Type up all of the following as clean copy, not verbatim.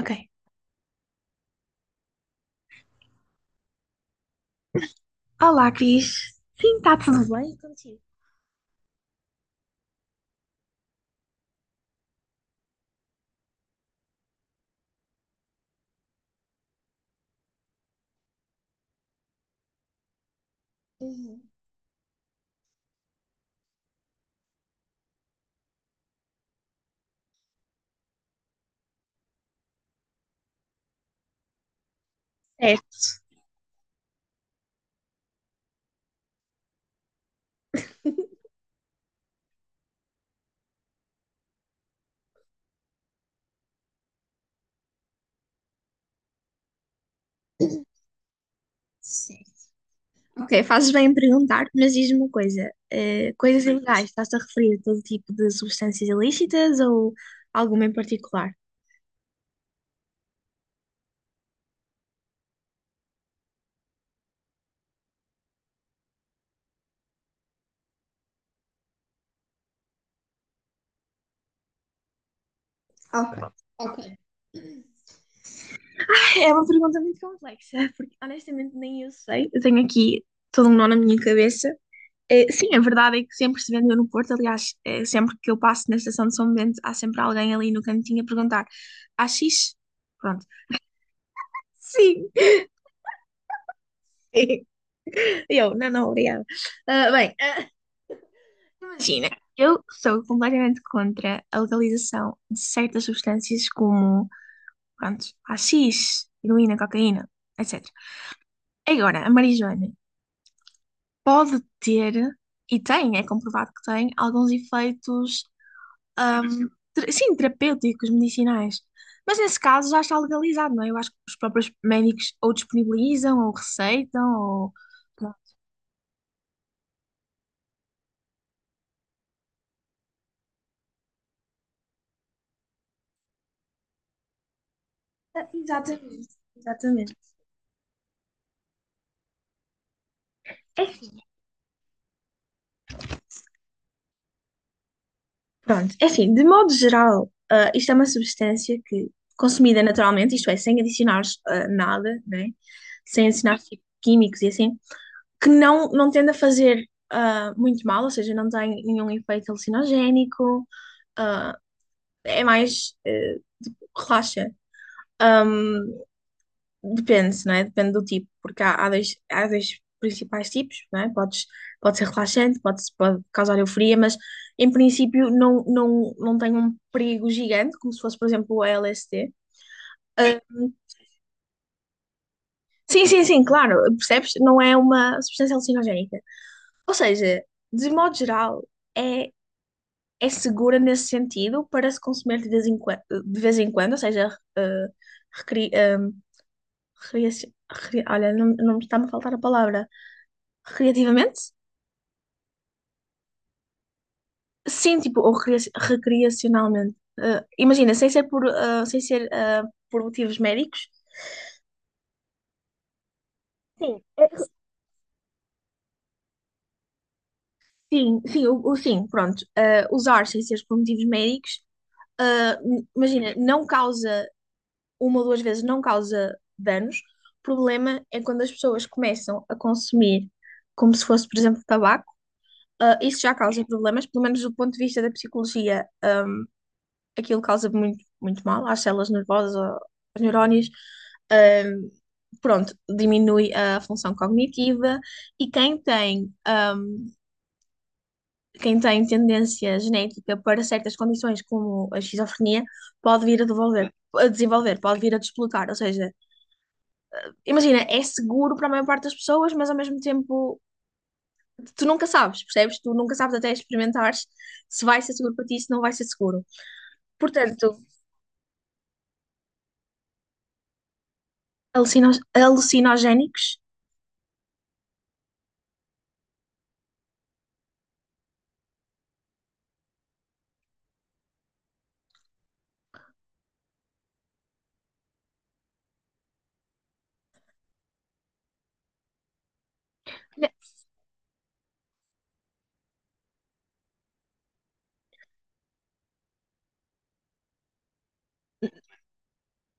Ok. Olá, Cris. Sim, está tudo bem contigo? Uhum. Certo, certo. Ok, fazes bem em perguntar, mas diz-me uma coisa: coisas ilegais, estás-te a referir a todo tipo de substâncias ilícitas ou alguma em particular? Ok, ok. É uma pergunta muito complexa, porque honestamente nem eu sei. Eu tenho aqui todo um nó na minha cabeça. Sim, a verdade é que sempre se vendeu no Porto. Aliás, sempre que eu passo na estação de São Bento, há sempre alguém ali no cantinho a perguntar: há X? Pronto. Sim. Eu, não, não, obrigada. Ah, bem, imagina, eu sou completamente contra a legalização de certas substâncias como, pronto, AX, heroína, cocaína, etc. Agora, a marijuana pode ter, e tem, é comprovado que tem, alguns efeitos ahm, sim, terapêuticos, medicinais. Mas nesse caso já está legalizado, não é? Eu acho que os próprios médicos ou disponibilizam, ou receitam, ou. Pronto. Ah, exatamente, exatamente. É assim. Pronto, é assim, de modo geral, isto é uma substância que, consumida naturalmente, isto é, sem adicionar nada, né? Sem adicionar químicos e assim, que não, não tende a fazer muito mal, ou seja, não tem nenhum efeito alucinogénico, ah, é mais, relaxante. Depende, não é? Depende do tipo, porque há dois principais tipos, não é? Pode ser relaxante, pode causar euforia, mas em princípio não, não, não tem um perigo gigante, como se fosse, por exemplo, o LSD. Ah, sim, sim, sim, claro, percebes? Não é uma substância alucinogénica. Ou seja, de modo geral, é, é segura nesse sentido para se consumir de vez em quando, ou seja, ah, recri, ah, recria- recria- olha, não, não me está-me a faltar a palavra. Recreativamente? Sim, tipo, ou recreacionalmente. Ah, imagina, sem ser por motivos médicos. Sim, sim, sim, sim, pronto. Ah, usar sem ser por motivos médicos, imagina, não causa, uma ou duas vezes não causa danos. O problema é quando as pessoas começam a consumir como se fosse, por exemplo, tabaco. Ah, isso já causa problemas, pelo menos do ponto de vista da psicologia, aquilo causa muito, muito mal às células nervosas, aos neurónios. Pronto, diminui a função cognitiva e quem tem tendência genética para certas condições, como a esquizofrenia, pode vir a devolver. A desenvolver, pode vir a desbloquear, ou seja, imagina, é seguro para a maior parte das pessoas, mas ao mesmo tempo tu nunca sabes, percebes? Tu nunca sabes até experimentares se vai ser seguro para ti, se não vai ser seguro. Portanto, alucinogénicos.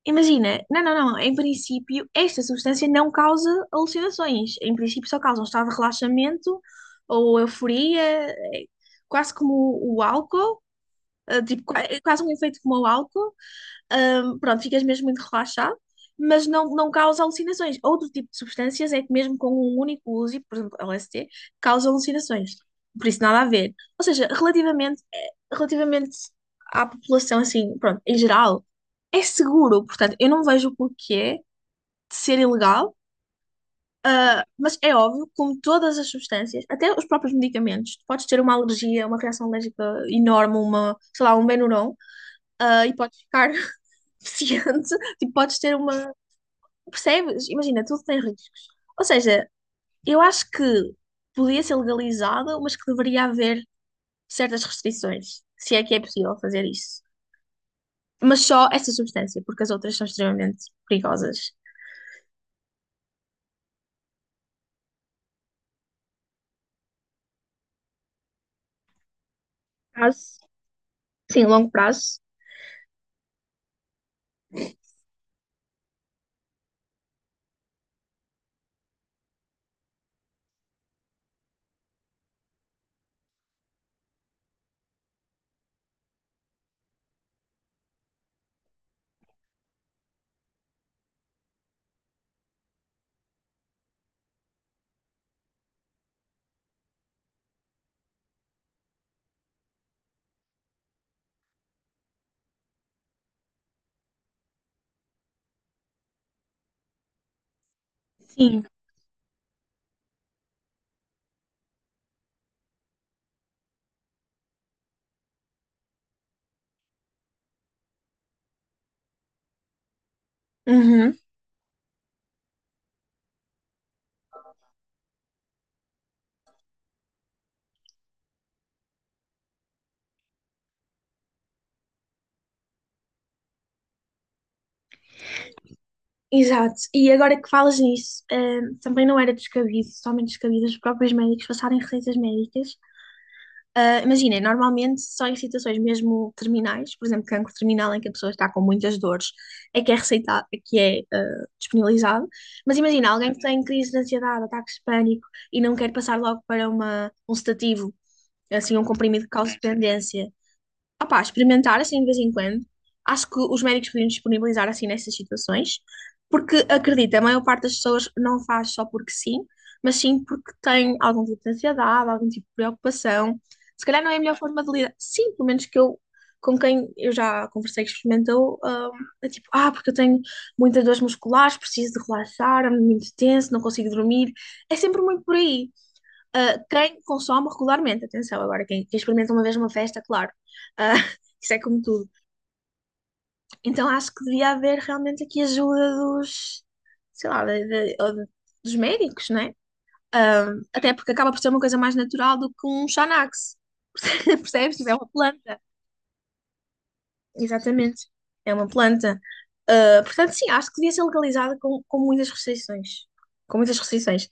Imagina, não, não, não, em princípio, esta substância não causa alucinações. Em princípio, só causa um estado de relaxamento ou euforia, quase como o álcool, é quase um efeito como o álcool. Pronto, ficas mesmo muito relaxado, mas não, não causa alucinações. Outro tipo de substâncias é que mesmo com um único uso, e, por exemplo, LSD, causa alucinações. Por isso nada a ver. Ou seja, relativamente, à população, assim, pronto, em geral, é seguro. Portanto, eu não vejo o porquê de ser ilegal, mas é óbvio, como todas as substâncias, até os próprios medicamentos, tu podes ter uma alergia, uma reação alérgica enorme, uma, sei lá, um Benuron, e podes ficar deficiente, tipo, podes ter uma. Percebes? Imagina, tudo tem riscos. Ou seja, eu acho que podia ser legalizado, mas que deveria haver certas restrições, se é que é possível fazer isso. Mas só essa substância, porque as outras são extremamente perigosas. Prazo, sim, longo prazo. Sim. Uhum. Exato. E agora que falas nisso, também não era descabido, somente descabido os próprios médicos passarem receitas médicas. Ah, imaginem, normalmente só em situações mesmo terminais, por exemplo, cancro terminal em que a pessoa está com muitas dores, é que é receitado, é que é disponibilizado. Mas imagina, alguém que tem crise de ansiedade, ataques de pânico e não quer passar logo para um sedativo, assim, um comprimido que cause dependência, opá, experimentar assim de vez em quando. Acho que os médicos podiam disponibilizar assim nessas situações, porque acredita, a maior parte das pessoas não faz só porque sim, mas sim porque tem algum tipo de ansiedade, algum tipo de preocupação. Se calhar não é a melhor forma de lidar. Sim, pelo menos que eu, com quem eu já conversei que experimentou, é tipo, porque eu tenho muitas dores musculares, preciso de relaxar, ando muito tenso, não consigo dormir. É sempre muito por aí. Quem consome regularmente, atenção, agora quem experimenta uma vez uma festa, claro, uh, isso é como tudo. Então acho que devia haver realmente aqui ajuda dos, sei lá, dos médicos, né? Até porque acaba por ser uma coisa mais natural do que um Xanax, percebes? Tipo, é uma planta, exatamente, é uma planta. Portanto, sim, acho que devia ser legalizada com, muitas restrições. Com muitas restrições.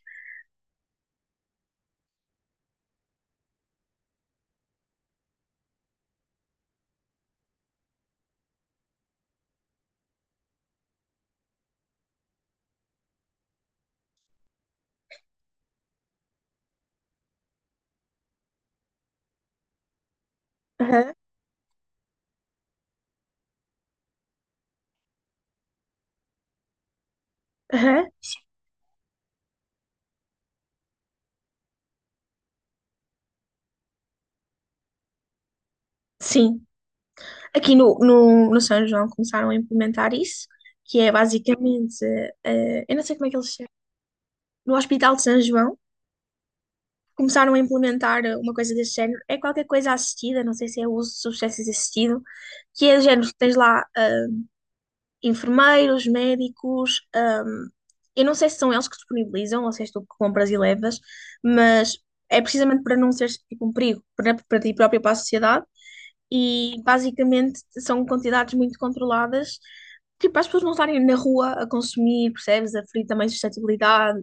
Aham, aham. Sim. Aqui no São João começaram a implementar isso, que é basicamente, eu não sei como é que eles chamam, no Hospital de São João, começaram a implementar uma coisa desse género. É qualquer coisa assistida, não sei se é o uso de substâncias assistido, que é do género, tens lá enfermeiros, médicos, eu não sei se são eles que disponibilizam ou se és tu que compras e levas, mas é precisamente para não seres tipo um perigo para ti próprio e para a sociedade e basicamente são quantidades muito controladas, tipo, para as pessoas não estarem na rua a consumir, percebes? A ferir também suscetibilidade,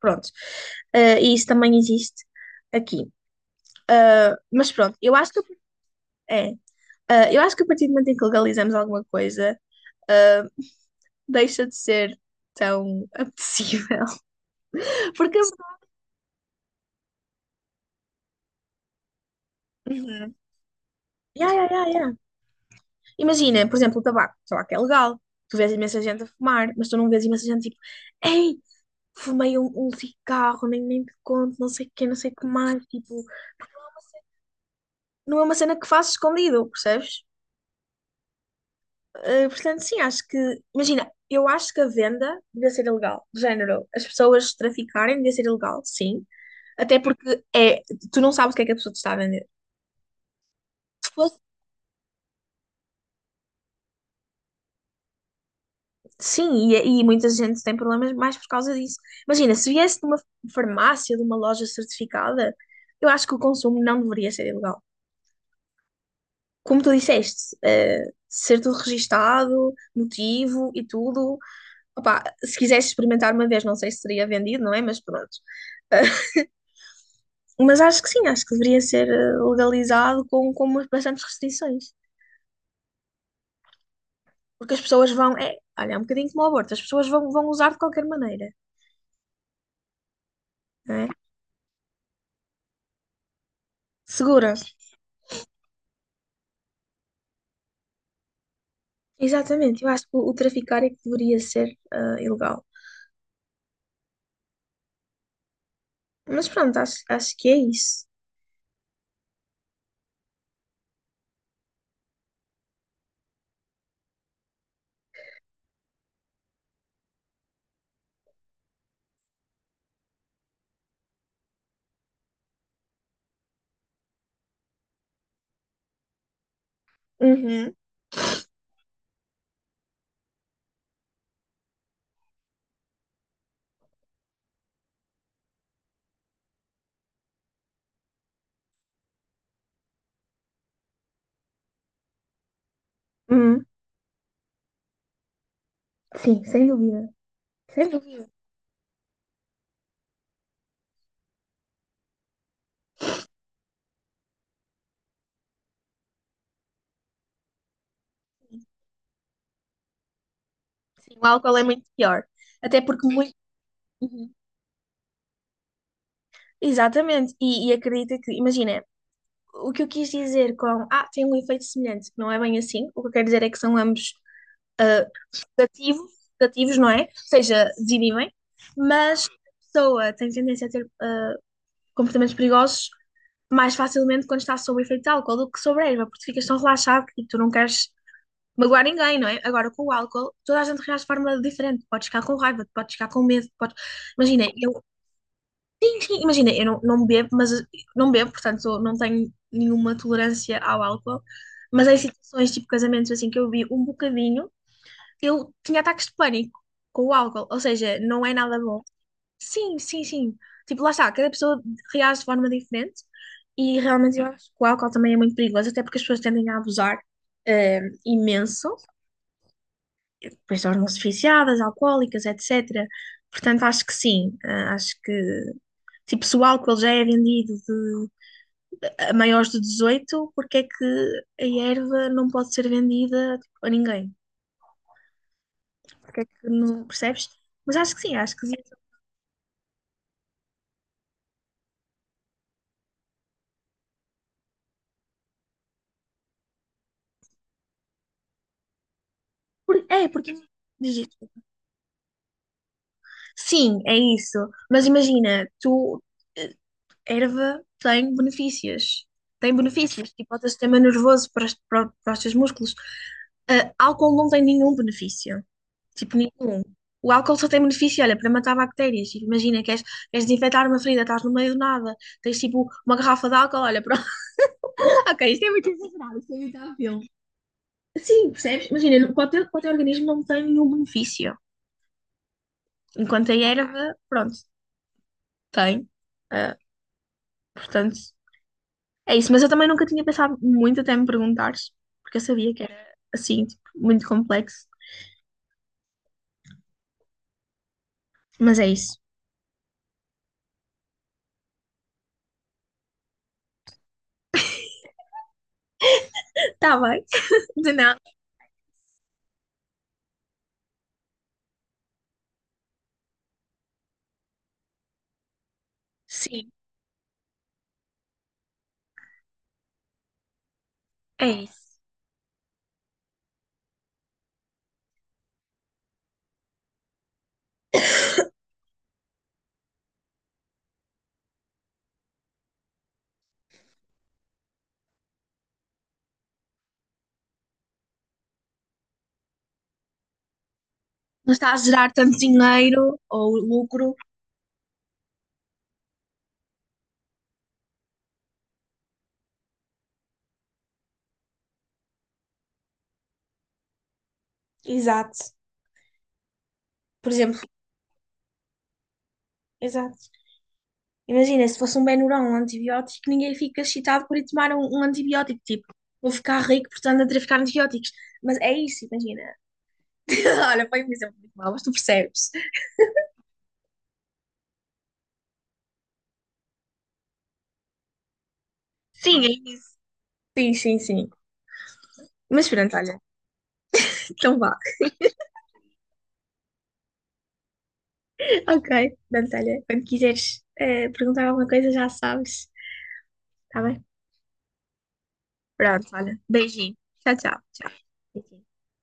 pronto. E isso também existe aqui. Mas pronto, é, eu acho que a partir do momento em que legalizamos alguma coisa, deixa de ser tão apetecível. Porque. Uhum. Ya, ya, ya, ya. Imagina, por exemplo, o tabaco. O tabaco é legal. Tu vês imensa gente a fumar, mas tu não vês imensa gente tipo, ei, fumei um cigarro, nem te conto, não sei o quê, não sei o que mais. Tipo, não é uma cena que faço escondido, percebes? Portanto, sim, acho que. Imagina, eu acho que a venda devia ser ilegal. De género, as pessoas traficarem devia ser ilegal, sim. Até porque é, tu não sabes o que é que a pessoa te está a vender. Se fosse- Sim, e muita gente tem problemas mais por causa disso. Imagina, se viesse de uma farmácia, de uma loja certificada, eu acho que o consumo não deveria ser ilegal. Como tu disseste, ser tudo registado, motivo e tudo. Opá, se quisesse experimentar uma vez, não sei se seria vendido, não é? Mas pronto. Uh, Mas acho que sim, acho que deveria ser legalizado com, umas bastantes restrições. Porque as pessoas vão, é, olha, é um bocadinho como o aborto, as pessoas vão usar de qualquer maneira, não é? Segura. Exatamente, eu acho que traficar é que deveria ser ilegal. Mas pronto, acho que é isso. Uhum. Uhum. Sim, sem dúvida. Sem dúvida. Sim, o álcool é muito pior. Até porque muito. Uhum. Exatamente. E acredita que, imagina, o que eu quis dizer com. Ah, tem um efeito semelhante. Não é bem assim. O que eu quero dizer é que são ambos ah, sedativos, sedativos, não é? Ou seja, desinibem. Mas a pessoa tem tendência a ter comportamentos perigosos mais facilmente quando está sob o efeito de álcool do que sobre a erva, porque ficas tão relaxado e tu não queres magoar ninguém, não é? Agora, com o álcool, toda a gente reage de forma diferente. Podes ficar com raiva, podes ficar com medo, podes... Imagina, eu. Enfim, imagina, eu não, não bebo, mas não bebo, portanto eu não tenho nenhuma tolerância ao álcool, mas em situações tipo casamentos assim que eu vi um bocadinho, eu tinha ataques de pânico com o álcool, ou seja, não é nada bom. Sim, sim, sim. Tipo, lá está, cada pessoa reage de forma diferente e realmente eu acho que o álcool também é muito perigoso, até porque as pessoas tendem a abusar imenso, depois tornam-se viciadas, alcoólicas, etc. Portanto, acho que sim, acho que tipo, se o álcool já é vendido a maiores de 18, porque é que a erva não pode ser vendida tipo, a ninguém? Porque é que não percebes? Mas acho que sim, acho que sim. É, porque diz isto. Sim, é isso. Mas imagina, tu eh, erva tem benefícios. Tem benefícios, tipo o sistema nervoso para, para os teus músculos. Ah, álcool não tem nenhum benefício. Tipo, nenhum. O álcool só tem benefício, olha, para matar bactérias. Tipo, imagina, queres, desinfetar uma ferida, estás no meio do nada, tens tipo uma garrafa de álcool, olha, pronto. Ok, isto é muito exagerável. Sim, percebes? Imagina, para o teu organismo não tem nenhum benefício. Enquanto a erva, pronto, tem. Ah, portanto. É isso, mas eu também nunca tinha pensado muito até me perguntares, porque eu sabia que era assim, tipo, muito complexo. Mas é isso. Tá bem? De nada. Sim, é isso. Não está a gerar tanto dinheiro ou lucro. Exato. Por exemplo, exato. Imagina, se fosse um Benuron, um antibiótico, ninguém fica excitado por ir tomar um antibiótico. Tipo, vou ficar rico, portanto, a traficar antibióticos. Mas é isso, imagina. Olha, foi um exemplo muito mau, mas tu percebes. Sim, é isso. Sim, sim, sim. Mas pronto, olha. Então vá. Ok, portanto, olha, quando quiseres perguntar alguma coisa já sabes, tá bem? Pronto, olha, beijinho. Tchau, tchau, tchau.